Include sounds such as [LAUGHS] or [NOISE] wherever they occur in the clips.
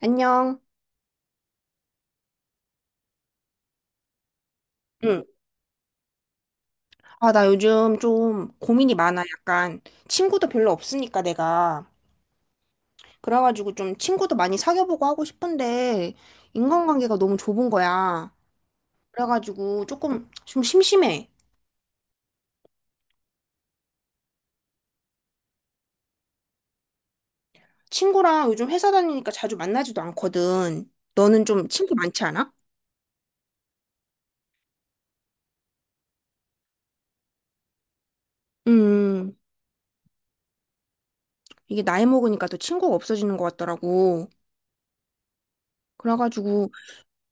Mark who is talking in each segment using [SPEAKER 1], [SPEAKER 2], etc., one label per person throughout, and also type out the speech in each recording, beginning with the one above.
[SPEAKER 1] 안녕. 응, 아, 나 요즘 좀 고민이 많아. 약간 친구도 별로 없으니까 내가. 그래가지고 좀 친구도 많이 사귀어보고 하고 싶은데 인간관계가 너무 좁은 거야. 그래가지고 조금 좀 심심해. 친구랑 요즘 회사 다니니까 자주 만나지도 않거든. 너는 좀 친구 많지 않아? 음, 이게 나이 먹으니까 또 친구가 없어지는 것 같더라고. 그래가지고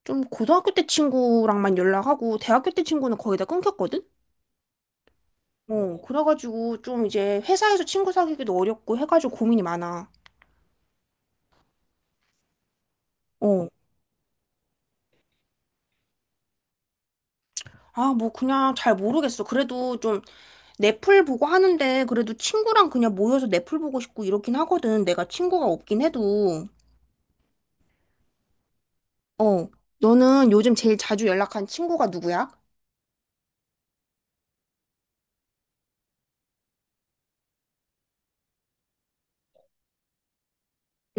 [SPEAKER 1] 좀 고등학교 때 친구랑만 연락하고 대학교 때 친구는 거의 다 끊겼거든? 어, 그래가지고 좀 이제 회사에서 친구 사귀기도 어렵고 해가지고 고민이 많아. 어. 아, 뭐 그냥 잘 모르겠어. 그래도 좀 넷플 보고 하는데 그래도 친구랑 그냥 모여서 넷플 보고 싶고 이렇긴 하거든. 내가 친구가 없긴 해도. 어. 너는 요즘 제일 자주 연락한 친구가 누구야?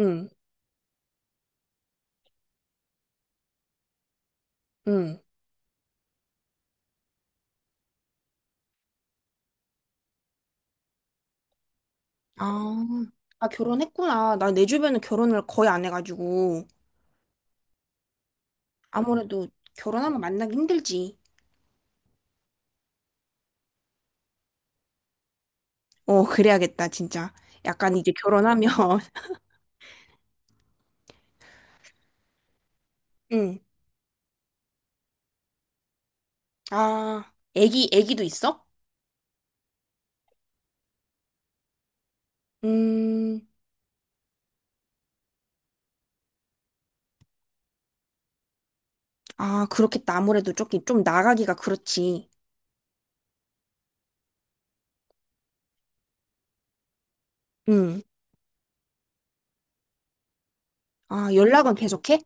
[SPEAKER 1] 응, 응. 아, 아 결혼했구나. 나 내 주변은 결혼을 거의 안 해가지고. 아무래도 결혼하면 만나기 힘들지. 어, 그래야겠다, 진짜. 약간 이제 결혼하면. [LAUGHS] 응. 아, 애기도 있어? 음, 아, 그렇겠다. 아무래도 좀 나가기가 그렇지. 음, 아, 연락은 계속해?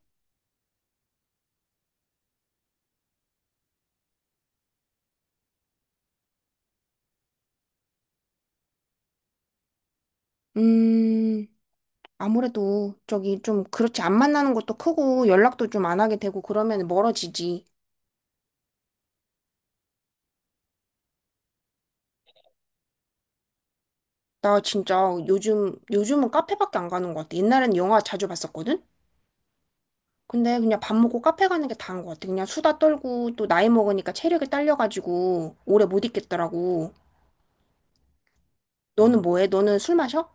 [SPEAKER 1] 음, 아무래도 저기 좀 그렇지. 안 만나는 것도 크고 연락도 좀 안 하게 되고 그러면 멀어지지. 나 진짜 요즘은 카페밖에 안 가는 것 같아. 옛날엔 영화 자주 봤었거든? 근데 그냥 밥 먹고 카페 가는 게 다인 것 같아. 그냥 수다 떨고 또 나이 먹으니까 체력이 딸려가지고 오래 못 있겠더라고. 너는 뭐 해? 너는 술 마셔?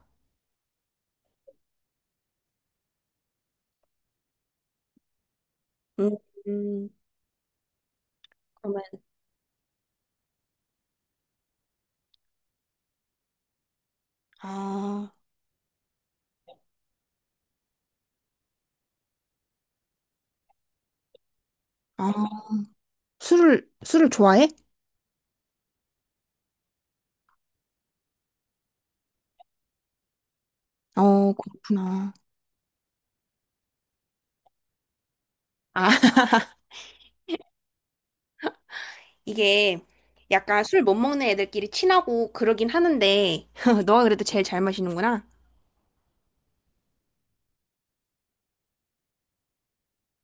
[SPEAKER 1] 음. 그러면 아, 아, 술을 좋아해? 어, 그렇구나. 아, [LAUGHS] 이게 약간 술 못 먹는 애들끼리 친하고 그러긴 하는데 [LAUGHS] 너가 그래도 제일 잘 마시는구나.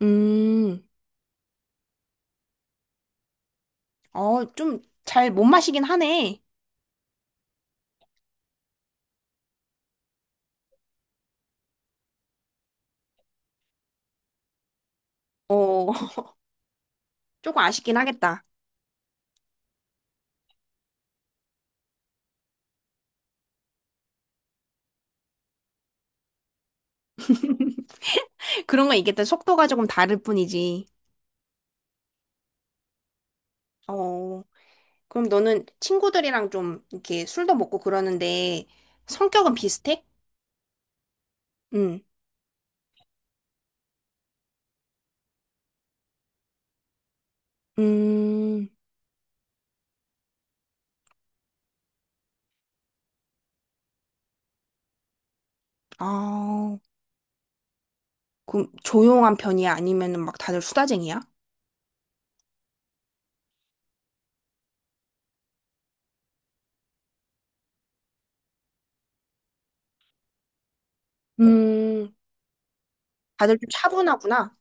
[SPEAKER 1] 음, 어, 좀 잘 못 마시긴 하네. 어, [LAUGHS] 조금 아쉽긴 하겠다. [LAUGHS] 그런 거 있겠다. 속도가 조금 다를 뿐이지. 어, 그럼 너는 친구들이랑 좀 이렇게 술도 먹고 그러는데 성격은 비슷해? 응. 음, 아. 그 조용한 편이야? 아니면은 막 다들 수다쟁이야? 음, 다들 좀 차분하구나.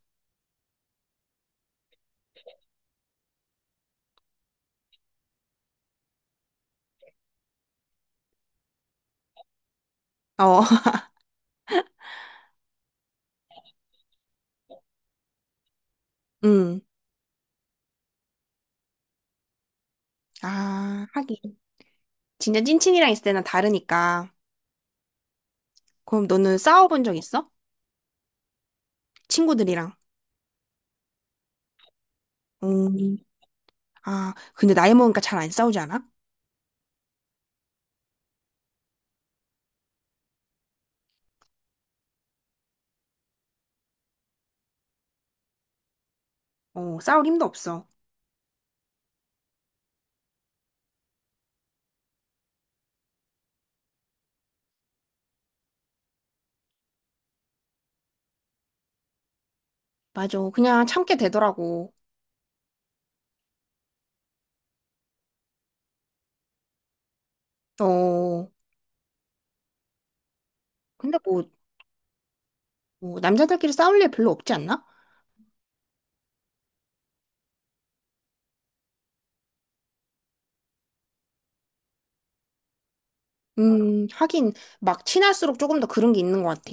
[SPEAKER 1] 어, [LAUGHS] 음. 아, 하긴. 진짜 찐친이랑 있을 때는 다르니까. 그럼 너는 싸워본 적 있어? 친구들이랑. 음. 아, 근데 나이 먹으니까 잘 안 싸우지 않아? 어, 싸울 힘도 없어. 맞아. 그냥 참게 되더라고. 어, 근데 뭐 남자들끼리 싸울 일 별로 없지 않나? 하긴, 막 친할수록 조금 더 그런 게 있는 것 같아.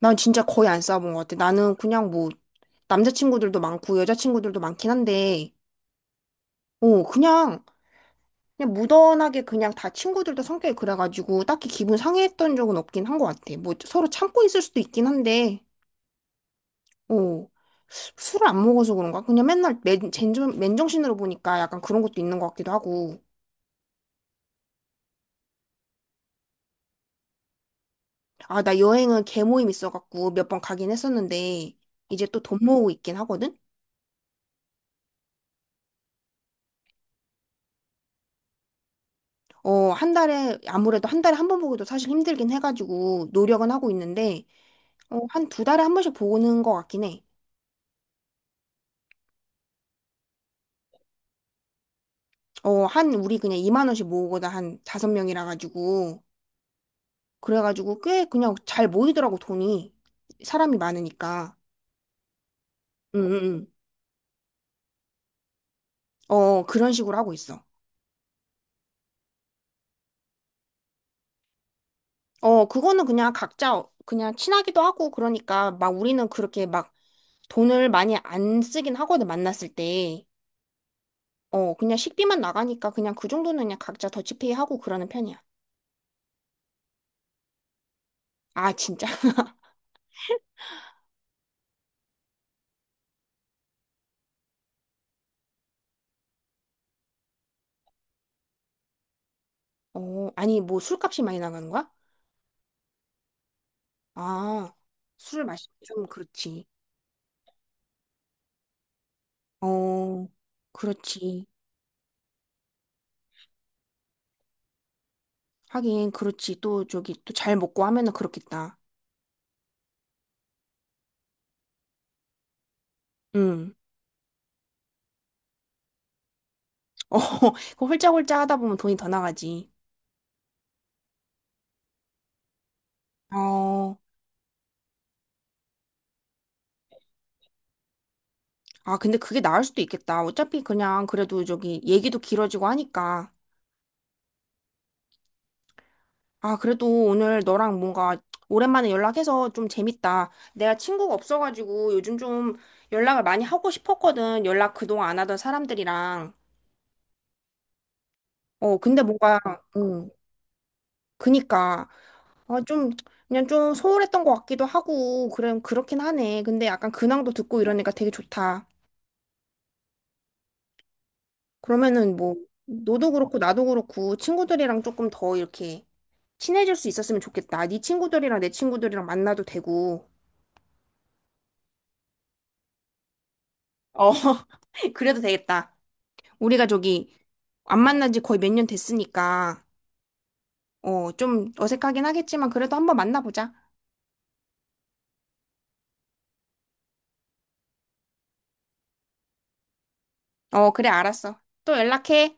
[SPEAKER 1] 난 진짜 거의 안 싸워본 것 같아. 나는 그냥 뭐, 남자친구들도 많고 여자친구들도 많긴 한데, 어, 그냥, 그냥 무던하게 그냥 다 친구들도 성격이 그래가지고 딱히 기분 상해했던 적은 없긴 한 것 같아. 뭐 서로 참고 있을 수도 있긴 한데, 어, 술을 안 먹어서 그런가? 그냥 맨날 맨정신으로 보니까 약간 그런 것도 있는 것 같기도 하고. 아, 나 여행은 개모임 있어갖고 몇 번 가긴 했었는데, 이제 또 돈 모으고 있긴 하거든? 어, 한 달에, 아무래도 한 달에 한 번 보기도 사실 힘들긴 해가지고 노력은 하고 있는데, 어, 한 두 달에 한 번씩 보는 것 같긴 해. 어, 한, 우리 그냥 2만 원씩 모으거나 한 다섯 명이라 가지고. 그래가지고 꽤 그냥 잘 모이더라고, 돈이. 사람이 많으니까. 응, 응, 응. 어, 그런 식으로 하고 있어. 어, 그거는 그냥 각자 그냥 친하기도 하고 그러니까 막 우리는 그렇게 막 돈을 많이 안 쓰긴 하거든, 만났을 때. 어, 그냥 식비만 나가니까 그냥 그 정도는 그냥 각자 더치페이 하고 그러는 편이야. 아, 진짜? [LAUGHS] 어, 아니, 뭐 술값이 많이 나가는 거야? 아, 술을 마시면 좀 그렇지. 어, 그렇지. 하긴, 그렇지. 또 저기, 또 잘 먹고 하면은 그렇겠다. 응. 어, [LAUGHS] 그 홀짝홀짝 하다 보면 돈이 더 나가지. 어, 아, 근데 그게 나을 수도 있겠다. 어차피 그냥 그래도 저기 얘기도 길어지고 하니까. 아, 그래도 오늘 너랑 뭔가 오랜만에 연락해서 좀 재밌다. 내가 친구가 없어가지고 요즘 좀 연락을 많이 하고 싶었거든. 연락 그동안 안 하던 사람들이랑. 어, 근데 뭔가, 어, 그니까 아, 좀 그냥 좀 소홀했던 것 같기도 하고 그럼 그렇긴 하네. 근데 약간 근황도 듣고 이러니까 되게 좋다. 그러면은 뭐 너도 그렇고 나도 그렇고 친구들이랑 조금 더 이렇게 친해질 수 있었으면 좋겠다. 네 친구들이랑 내 친구들이랑 만나도 되고. 어, [LAUGHS] 그래도 되겠다. 우리가 저기 안 만난 지 거의 몇 년 됐으니까 어, 좀 어색하긴 하겠지만 그래도 한번 만나보자. 어, 그래 알았어. 또 연락해.